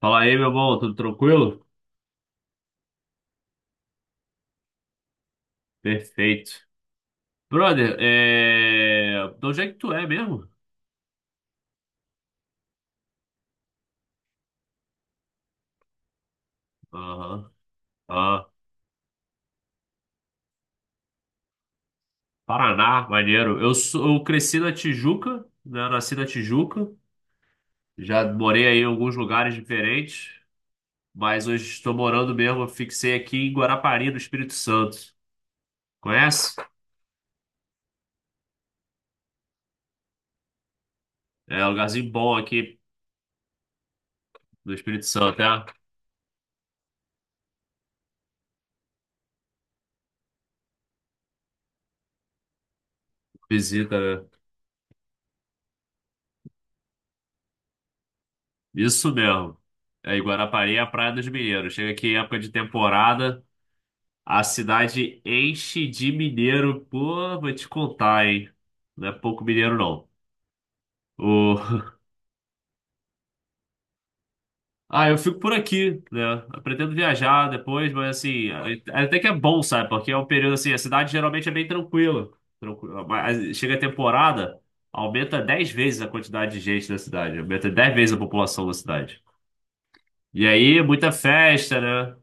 Fala aí, meu bom, tudo tranquilo? Perfeito. Brother, de onde é que tu é mesmo? Aham. Ah, Paraná, maneiro. Eu cresci na Tijuca, né? Nasci na Tijuca. Já morei aí em alguns lugares diferentes, mas hoje estou morando mesmo. Eu fixei aqui em Guarapari, no Espírito Santo. Conhece? É um lugarzinho bom aqui no Espírito Santo, é? Visita, né? Isso mesmo. É, e Guarapari é a Praia dos Mineiros. Chega aqui em época de temporada. A cidade enche de mineiro. Pô, vou te contar, hein? Não é pouco mineiro, não. O... Ah, eu fico por aqui, né? Eu pretendo viajar depois, mas assim, é até que é bom, sabe? Porque é um período assim, a cidade geralmente é bem tranquila. Tranquila. Mas assim, chega a temporada, aumenta 10 vezes a quantidade de gente na cidade, aumenta 10 vezes a população da cidade. E aí, muita festa, né?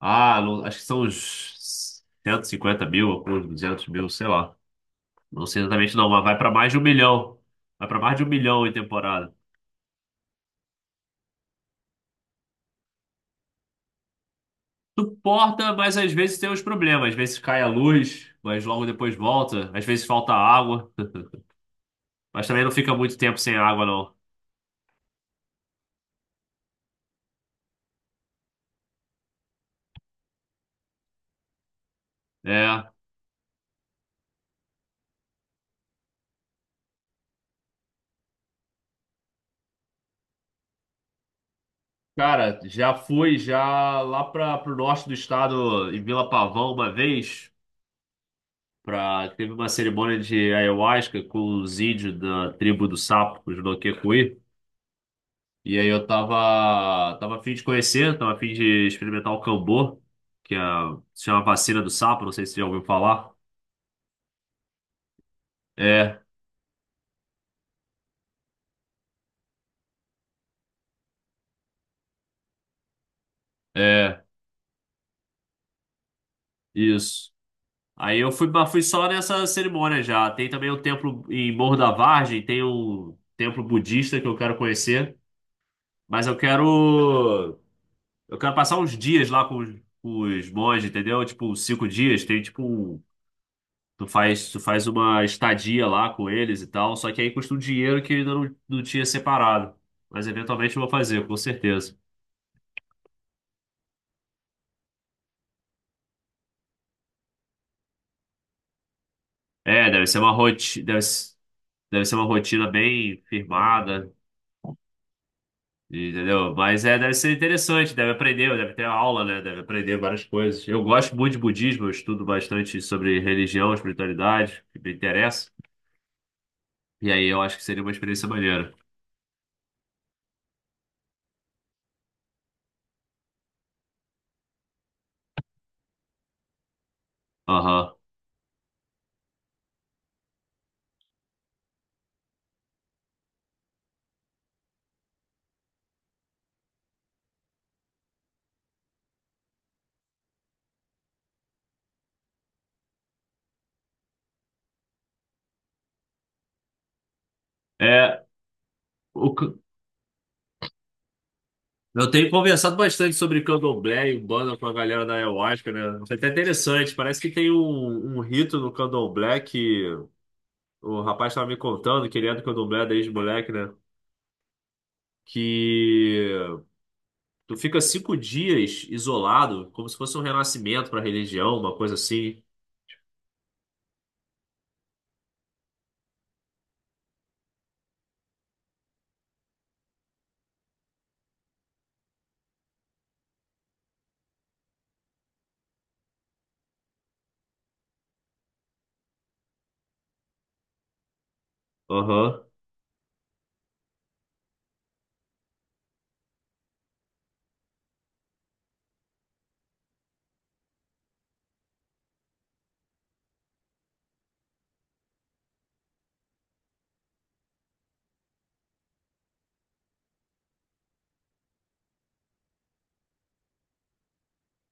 Ah, não- acho que são uns 150 mil, ou uns 200 mil, sei lá. Não sei exatamente não, mas vai para mais de um milhão. Vai para mais de um milhão em temporada. Suporta, mas às vezes tem uns problemas. Às vezes cai a luz, mas logo depois volta. Às vezes falta água, mas também não fica muito tempo sem água, não. É. Cara, já fui já lá para o norte do estado, em Vila Pavão, uma vez. Pra, teve uma cerimônia de ayahuasca com os índios da tribo do Sapo, os Noquecuí. E aí eu tava a fim de conhecer, tava a fim de experimentar o Cambô, que é, se chama vacina do sapo, não sei se você já ouviu falar. É, é, isso. Aí eu fui, mas fui só nessa cerimônia já. Tem também um templo em Morro da Vargem, tem um templo budista que eu quero conhecer, mas eu quero passar uns dias lá com os monges, entendeu? Tipo, cinco dias, tem tipo um- tu faz uma estadia lá com eles e tal, só que aí custa um dinheiro que eu ainda não, não tinha separado. Mas eventualmente eu vou fazer, com certeza. É, deve ser uma rotina, deve ser uma rotina bem firmada, entendeu? Mas é, deve ser interessante, deve aprender, deve ter aula, né? Deve aprender várias coisas. Eu gosto muito de budismo, eu estudo bastante sobre religião, espiritualidade, que me interessa. E aí eu acho que seria uma experiência maneira. Aham. É, o, Eu tenho conversado bastante sobre candomblé e banda com a galera da Ayahuasca, né? Isso é até interessante. Parece que tem um rito no candomblé que o rapaz estava me contando, que ele é do candomblé desde moleque, né? Que tu fica cinco dias isolado, como se fosse um renascimento para a religião, uma coisa assim. Aham,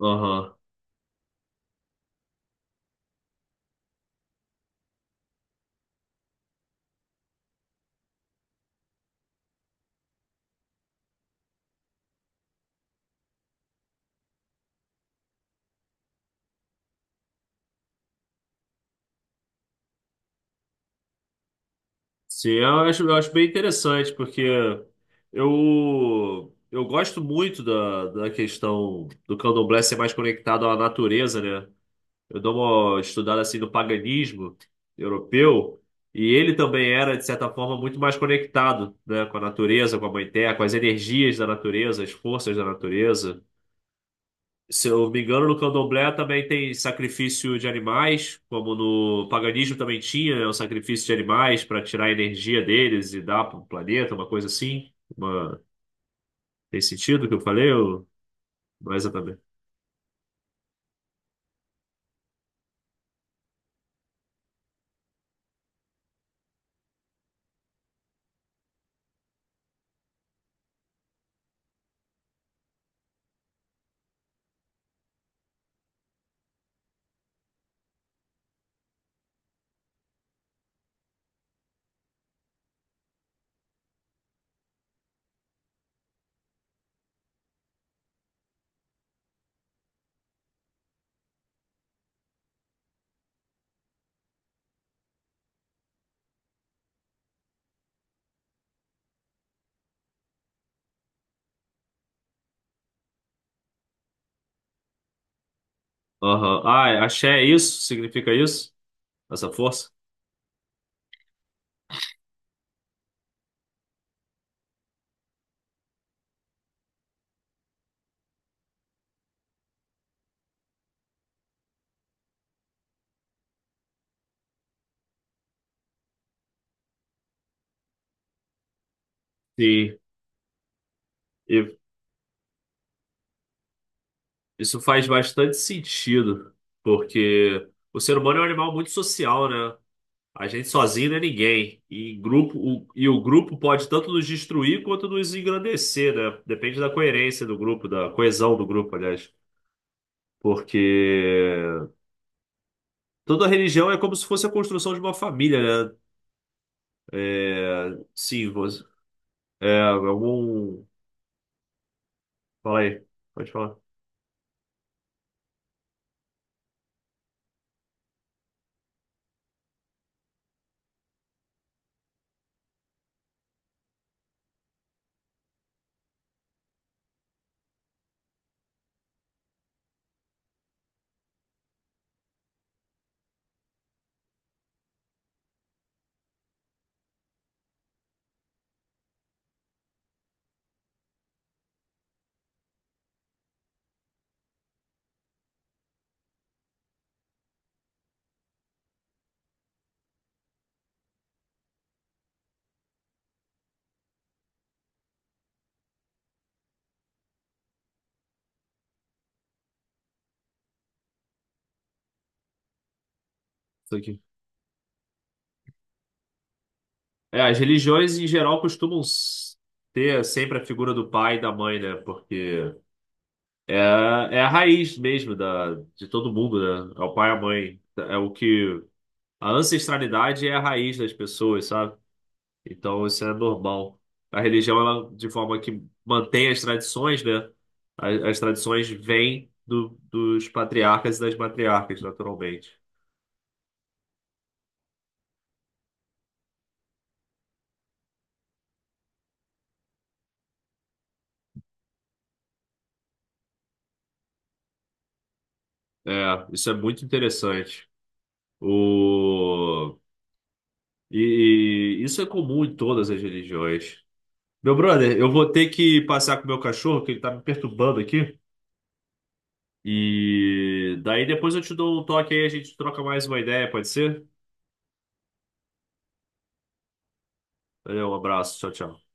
aham. Sim, eu acho bem interessante, porque eu gosto muito da questão do candomblé ser mais conectado à natureza, né? Eu dou uma estudada assim no paganismo europeu e ele também era, de certa forma, muito mais conectado, né, com a natureza, com a mãe terra, com as energias da natureza, as forças da natureza. Se eu me engano, no Candomblé também tem sacrifício de animais, como no paganismo também tinha, né, o sacrifício de animais para tirar a energia deles e dar para o planeta, uma coisa assim. Uma... Tem sentido o que eu falei? Ou... Não é exatamente. Aham. Ah, axé é isso? Significa isso? Essa força? Sim. E Isso faz bastante sentido, porque o ser humano é um animal muito social, né? A gente sozinho não é ninguém. E o grupo pode tanto nos destruir quanto nos engrandecer, né? Depende da coerência do grupo, da coesão do grupo, aliás. Porque toda religião é como se fosse a construção de uma família, né? É, sim, você, é algum. Fala aí, pode falar. É, as religiões em geral ter sempre a figura do pai e da mãe, né? Porque é a raiz mesmo da, de todo mundo, né? É o pai e a mãe. É o que. A ancestralidade é a raiz das pessoas, sabe? Então isso é normal. A religião, ela, de forma que mantém as tradições, né? As tradições vêm do, dos patriarcas e das matriarcas, naturalmente. É, isso é muito interessante. O. E isso é comum em todas as religiões. Meu brother, eu vou ter que passear com o meu cachorro, que ele tá me perturbando aqui. E daí depois eu te dou um toque aí, a gente troca mais uma ideia, pode ser? Valeu, um abraço, tchau, tchau.